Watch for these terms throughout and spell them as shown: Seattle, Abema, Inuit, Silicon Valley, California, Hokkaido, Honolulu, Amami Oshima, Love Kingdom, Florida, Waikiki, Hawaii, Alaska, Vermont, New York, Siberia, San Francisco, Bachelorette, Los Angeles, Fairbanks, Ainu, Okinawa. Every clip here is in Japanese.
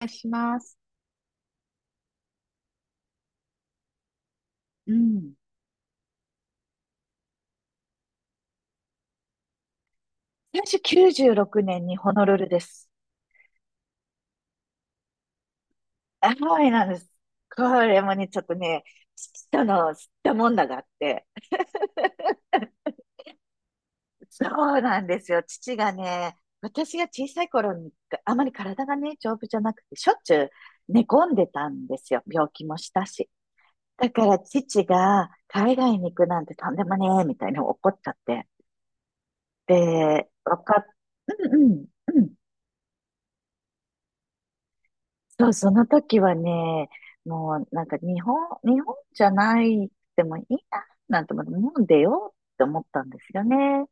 お願いします。うん。私96年にホノルルです。ハワイなんです。これもね、ちょっとね、父との知ったもんだがあって。そうなんですよ。父がね、私が小さい頃に、あまり体がね、丈夫じゃなくて、しょっちゅう寝込んでたんですよ。病気もしたし。だから父が海外に行くなんてとんでもねえ、みたいに怒っちゃって。で、わかっ、うんうん、うん。そう、その時はね、もうなんか日本じゃないでもいいな、なんて思って、日本出ようって思ったんですよね。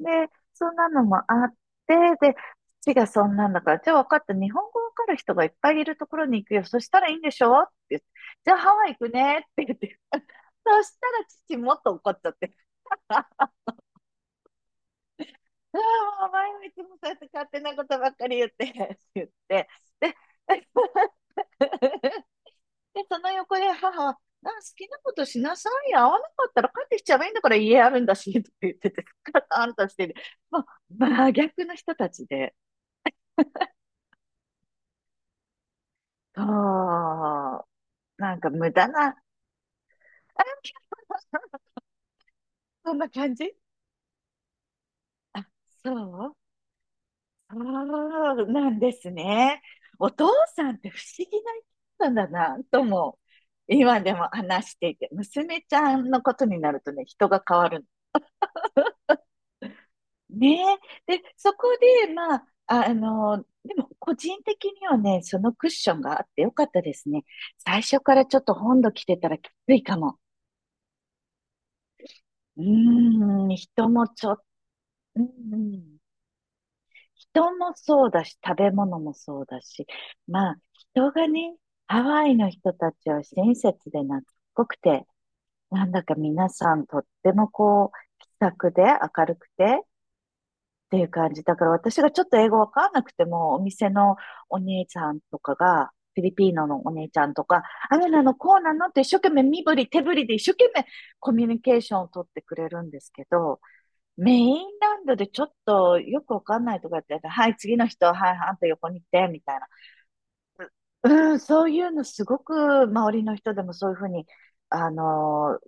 で、そんなのもあって、で、父がそんなんだから、じゃあ分かった、日本語わかる人がいっぱいいるところに行くよ。そしたらいいんでしょって言って、じゃあハワイ行くねって言って。そしたら父もっと怒っちゃって。あ、あもうお前はいつもそうやって勝手なことばっかり言って、って言って。で、で、その横で母は、あ、好きなことしなさいよ。合わなかったら帰ってきちゃえばいいんだから家あるんだし、とか言ってて、あんたしてる。まあ、真逆の人たちで、そう、なんか無駄な、あ、そんな感じあ、そうそうなんですね。お父さんって不思議な人なんだな、とも、今でも話していて、娘ちゃんのことになるとね、人が変わるねえ。で、そこで、まあ、でも個人的にはね、そのクッションがあってよかったですね。最初からちょっと本土来てたらきついかも。うーん、人もちょっ、うんうん人もそうだし、食べ物もそうだし、まあ、人がね、ハワイの人たちは親切で懐っこくて、なんだか皆さんとってもこう、気さくで明るくて、っていう感じ。だから私がちょっと英語わかんなくても、お店のお姉ちゃんとかが、フィリピーノのお姉ちゃんとか、あれなの、こうなのって一生懸命身振り手振りで一生懸命コミュニケーションを取ってくれるんですけど、メインランドでちょっとよくわかんないとかって、はい、次の人、はい、あんた横に来て、みたいな。うん、そういうのすごく周りの人でもそういうふうに、あの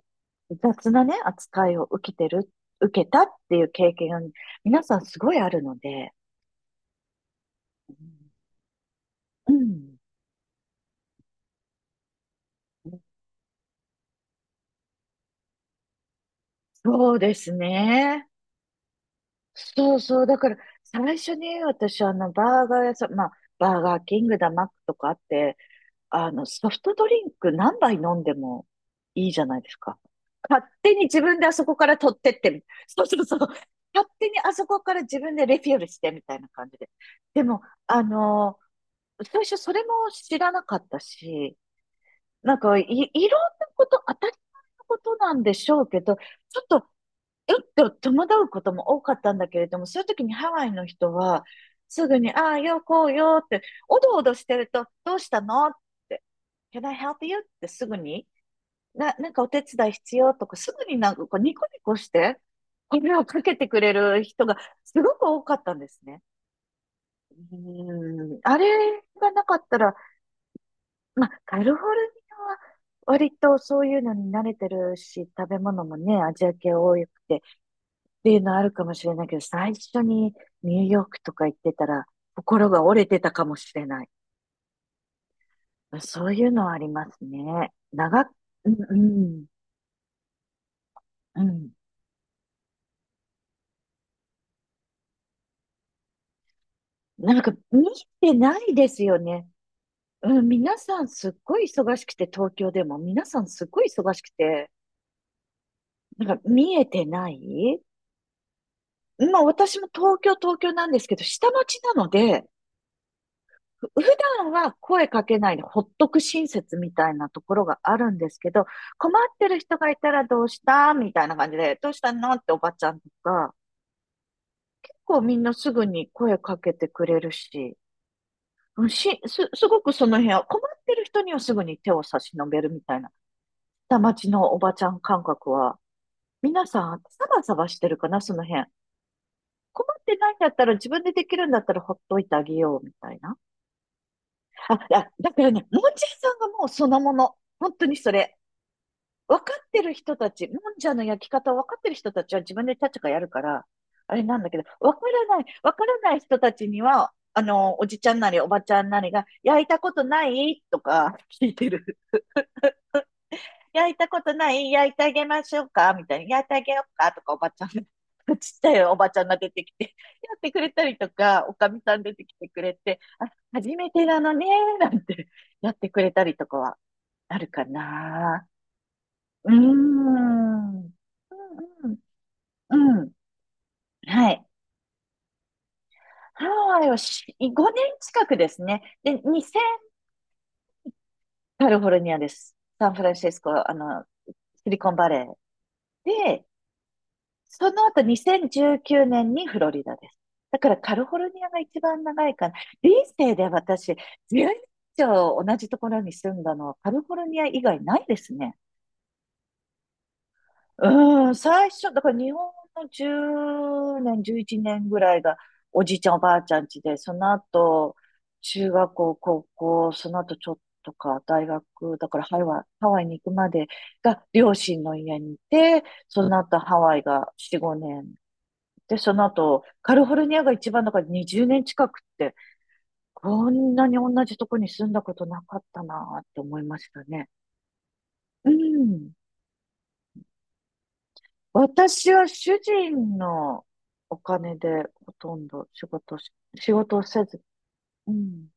雑なね、扱いを受けてる、受けたっていう経験が皆さんすごいあるので、うんうん。そうですね。そうそう。だから、最初に私、バーガー屋さん、まあ、バーガーキングだ、マックとかあって、ソフトドリンク何杯飲んでもいいじゃないですか。勝手に自分であそこから取ってって、そうそうそう。勝手にあそこから自分でレフィールしてみたいな感じで。でも、あの、最初それも知らなかったし、いろんなこと、当たり前のことなんでしょうけど、ちょっと戸惑うことも多かったんだけれども、そういう時にハワイの人は、すぐに、ああ、よ、こうよって、おどおどしてると、どうしたのって、Can I help you? ってすぐに、なんかお手伝い必要とか、すぐになんかこうニコニコして、声をかけてくれる人がすごく多かったんですね。うん、あれがなかったら、まあ、カリフォルニアは割とそういうのに慣れてるし、食べ物もね、アジア系多くて、っていうのあるかもしれないけど、最初にニューヨークとか行ってたら、心が折れてたかもしれない。そういうのはありますね。長く、うんうん、うん。なんか見てないですよね。うん、皆さんすっごい忙しくて、東京でも皆さんすっごい忙しくて、なんか見えてないまあ私も東京なんですけど、下町なので、普段は声かけないでほっとく親切みたいなところがあるんですけど、困ってる人がいたらどうしたみたいな感じで、どうしたのっておばちゃんとか、結構みんなすぐに声かけてくれるし、すごくその辺は困ってる人にはすぐに手を差し伸べるみたいな、下町のおばちゃん感覚は、皆さんサバサバしてるかな、その辺。困ってないんだったら自分でできるんだったらほっといてあげようみたいな。あ、だからね、もんじゃ屋さんがもうそのもの。本当にそれ。分かってる人たち、もんじゃの焼き方を分かってる人たちは自分でチャチャカやるから、あれなんだけど、分からない人たちには、おじちゃんなりおばちゃんなりが、焼いたことないとか聞いてる。焼いたことない焼いてあげましょうかみたいな。焼いてあげようかとか、おばちゃん。ちっちゃいおばちゃんが出てきて、やってくれたりとか、おかみさん出てきてくれて、あ、初めてなのね、なんてやってくれたりとかはあるかな。うーん。うんうんうん。はい。ハワイをし、5年近くですね。で、2000、カリフォルニアです。サンフランシスコ、シリコンバレー。で、その後2019年にフロリダです。だからカリフォルニアが一番長いかな。人生で私、10年以上同じところに住んだのはカリフォルニア以外ないですね。うん、最初、だから日本の10年、11年ぐらいがおじいちゃんおばあちゃん家で、その後、中学校、高校、その後ちょっとか、大学、だからハワイに行くまでが両親の家にいて、その後ハワイが4、5年。で、その後、カリフォルニアが一番だから20年近くって、こんなに同じとこに住んだことなかったなって思いましたね。うん。私は主人のお金でほとんど仕事し、仕事をせず、うん。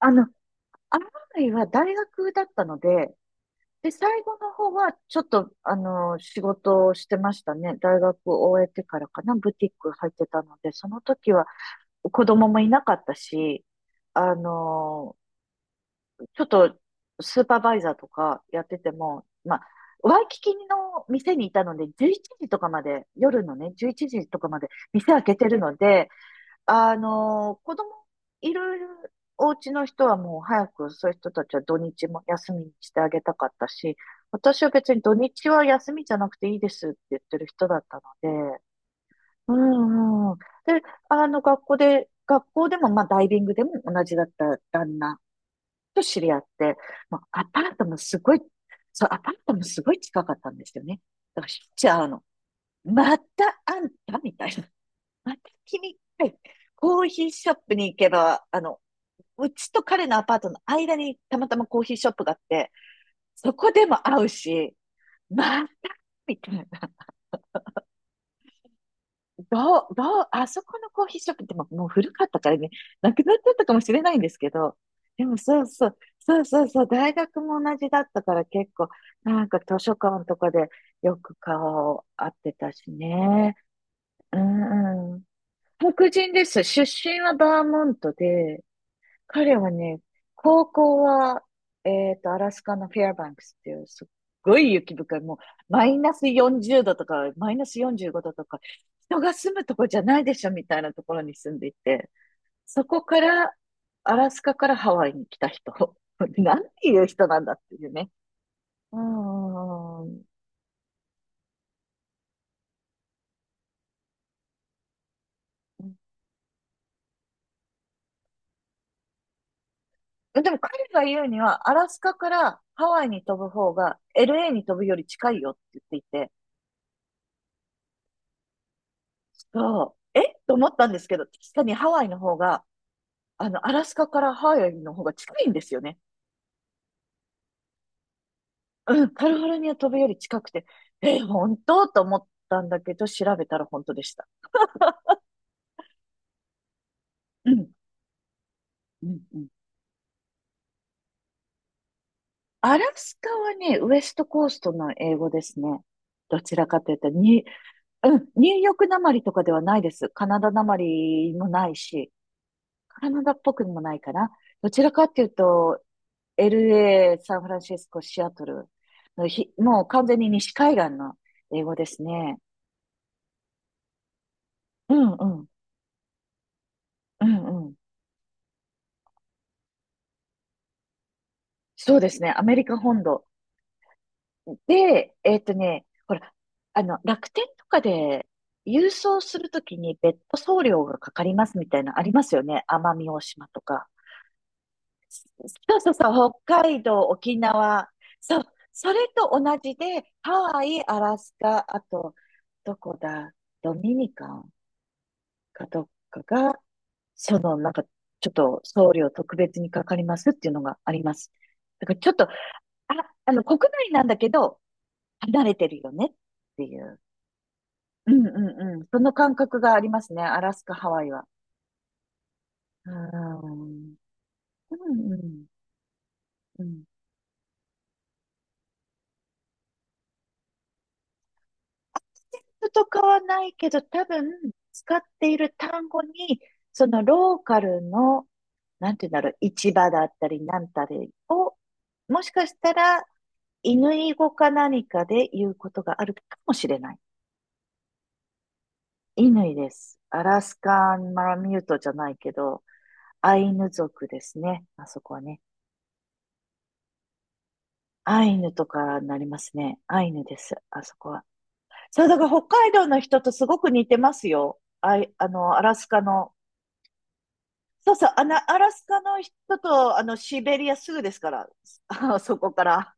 あの、アライは大学だったので、で、最後の方はちょっと、仕事をしてましたね。大学を終えてからかな、ブティック入ってたので、その時は子供もいなかったし、あの、ちょっとスーパーバイザーとかやってても、まあ、ワイキキの店にいたので、11時とかまで、夜のね、11時とかまで店開けてるので、子供いるお家の人はもう早くそういう人たちは土日も休みにしてあげたかったし、私は別に土日は休みじゃなくていいですって言ってる人だったので、うんうん。で、学校でも、まあ、ダイビングでも同じだった旦那と知り合って、まあアパートもすごい、そう、アパートもすごい近かったんですよね。だからしょっちゅう会うの。またあんたみたいな。また君はい。コーヒーショップに行けば、うちと彼のアパートの間にたまたまコーヒーショップがあって、そこでも会うし、またみたいな。どう、どう、あそこのコーヒーショップってもう古かったからね、なくなっちゃったかもしれないんですけど、でも大学も同じだったから結構、なんか図書館とかでよく顔を合ってたしね。うんうん。黒人です。出身はバーモントで、彼はね、高校は、アラスカのフェアバンクスっていう、すっごい雪深い、もう、マイナス40度とか、マイナス45度とか、人が住むとこじゃないでしょ、みたいなところに住んでいて、そこから、アラスカからハワイに来た人。なんていう人なんだっていうね。うーん。でも彼が言うには、アラスカからハワイに飛ぶ方が LA に飛ぶより近いよって言っていて、そう。えと思ったんですけど、確かにハワイの方が、あの、アラスカからハワイの方が近いんですよね。うん、カリフォルニア飛ぶより近くて、え、本当と思ったんだけど、調べたら本当でした。うん、うん、うん。アラスカはね、ウエストコーストの英語ですね。どちらかというと、に、うん、ニューヨークなまりとかではないです。カナダなまりもないし、カナダっぽくもないかな。どちらかというと、LA、サンフランシスコ、シアトルのひ、もう完全に西海岸の英語ですね。うんうん。うんうん。そうですね。アメリカ本土。で、ほら、あの、楽天とかで郵送するときに別途送料がかかりますみたいなのありますよね。奄美大島とか。そうそうそう、北海道、沖縄。そう、それと同じで、ハワイ、アラスカ、あと、どこだ、ドミニカンかどっかがその、なんか、ちょっと送料特別にかかりますっていうのがあります。だからちょっと、あ、あの、国内なんだけど、離れてるよねっていう。うんうんうん。その感覚がありますね。アラスカ、ハワイは。うん。うんうん。うん。とかはないけど、多分、使っている単語に、そのローカルの、なんていうんだろう、市場だったり、なんたりを、もしかしたら犬語か何かで言うことがあるかもしれない。イヌイです。アラスカンマラミュートじゃないけど、アイヌ族ですね。あそこはね。アイヌとかになりますね。アイヌです。あそこは。そう、だから北海道の人とすごく似てますよ。あい、あの、アラスカの。そうそう、あの、アラスカの人と、あの、シベリアすぐですから。あそこから。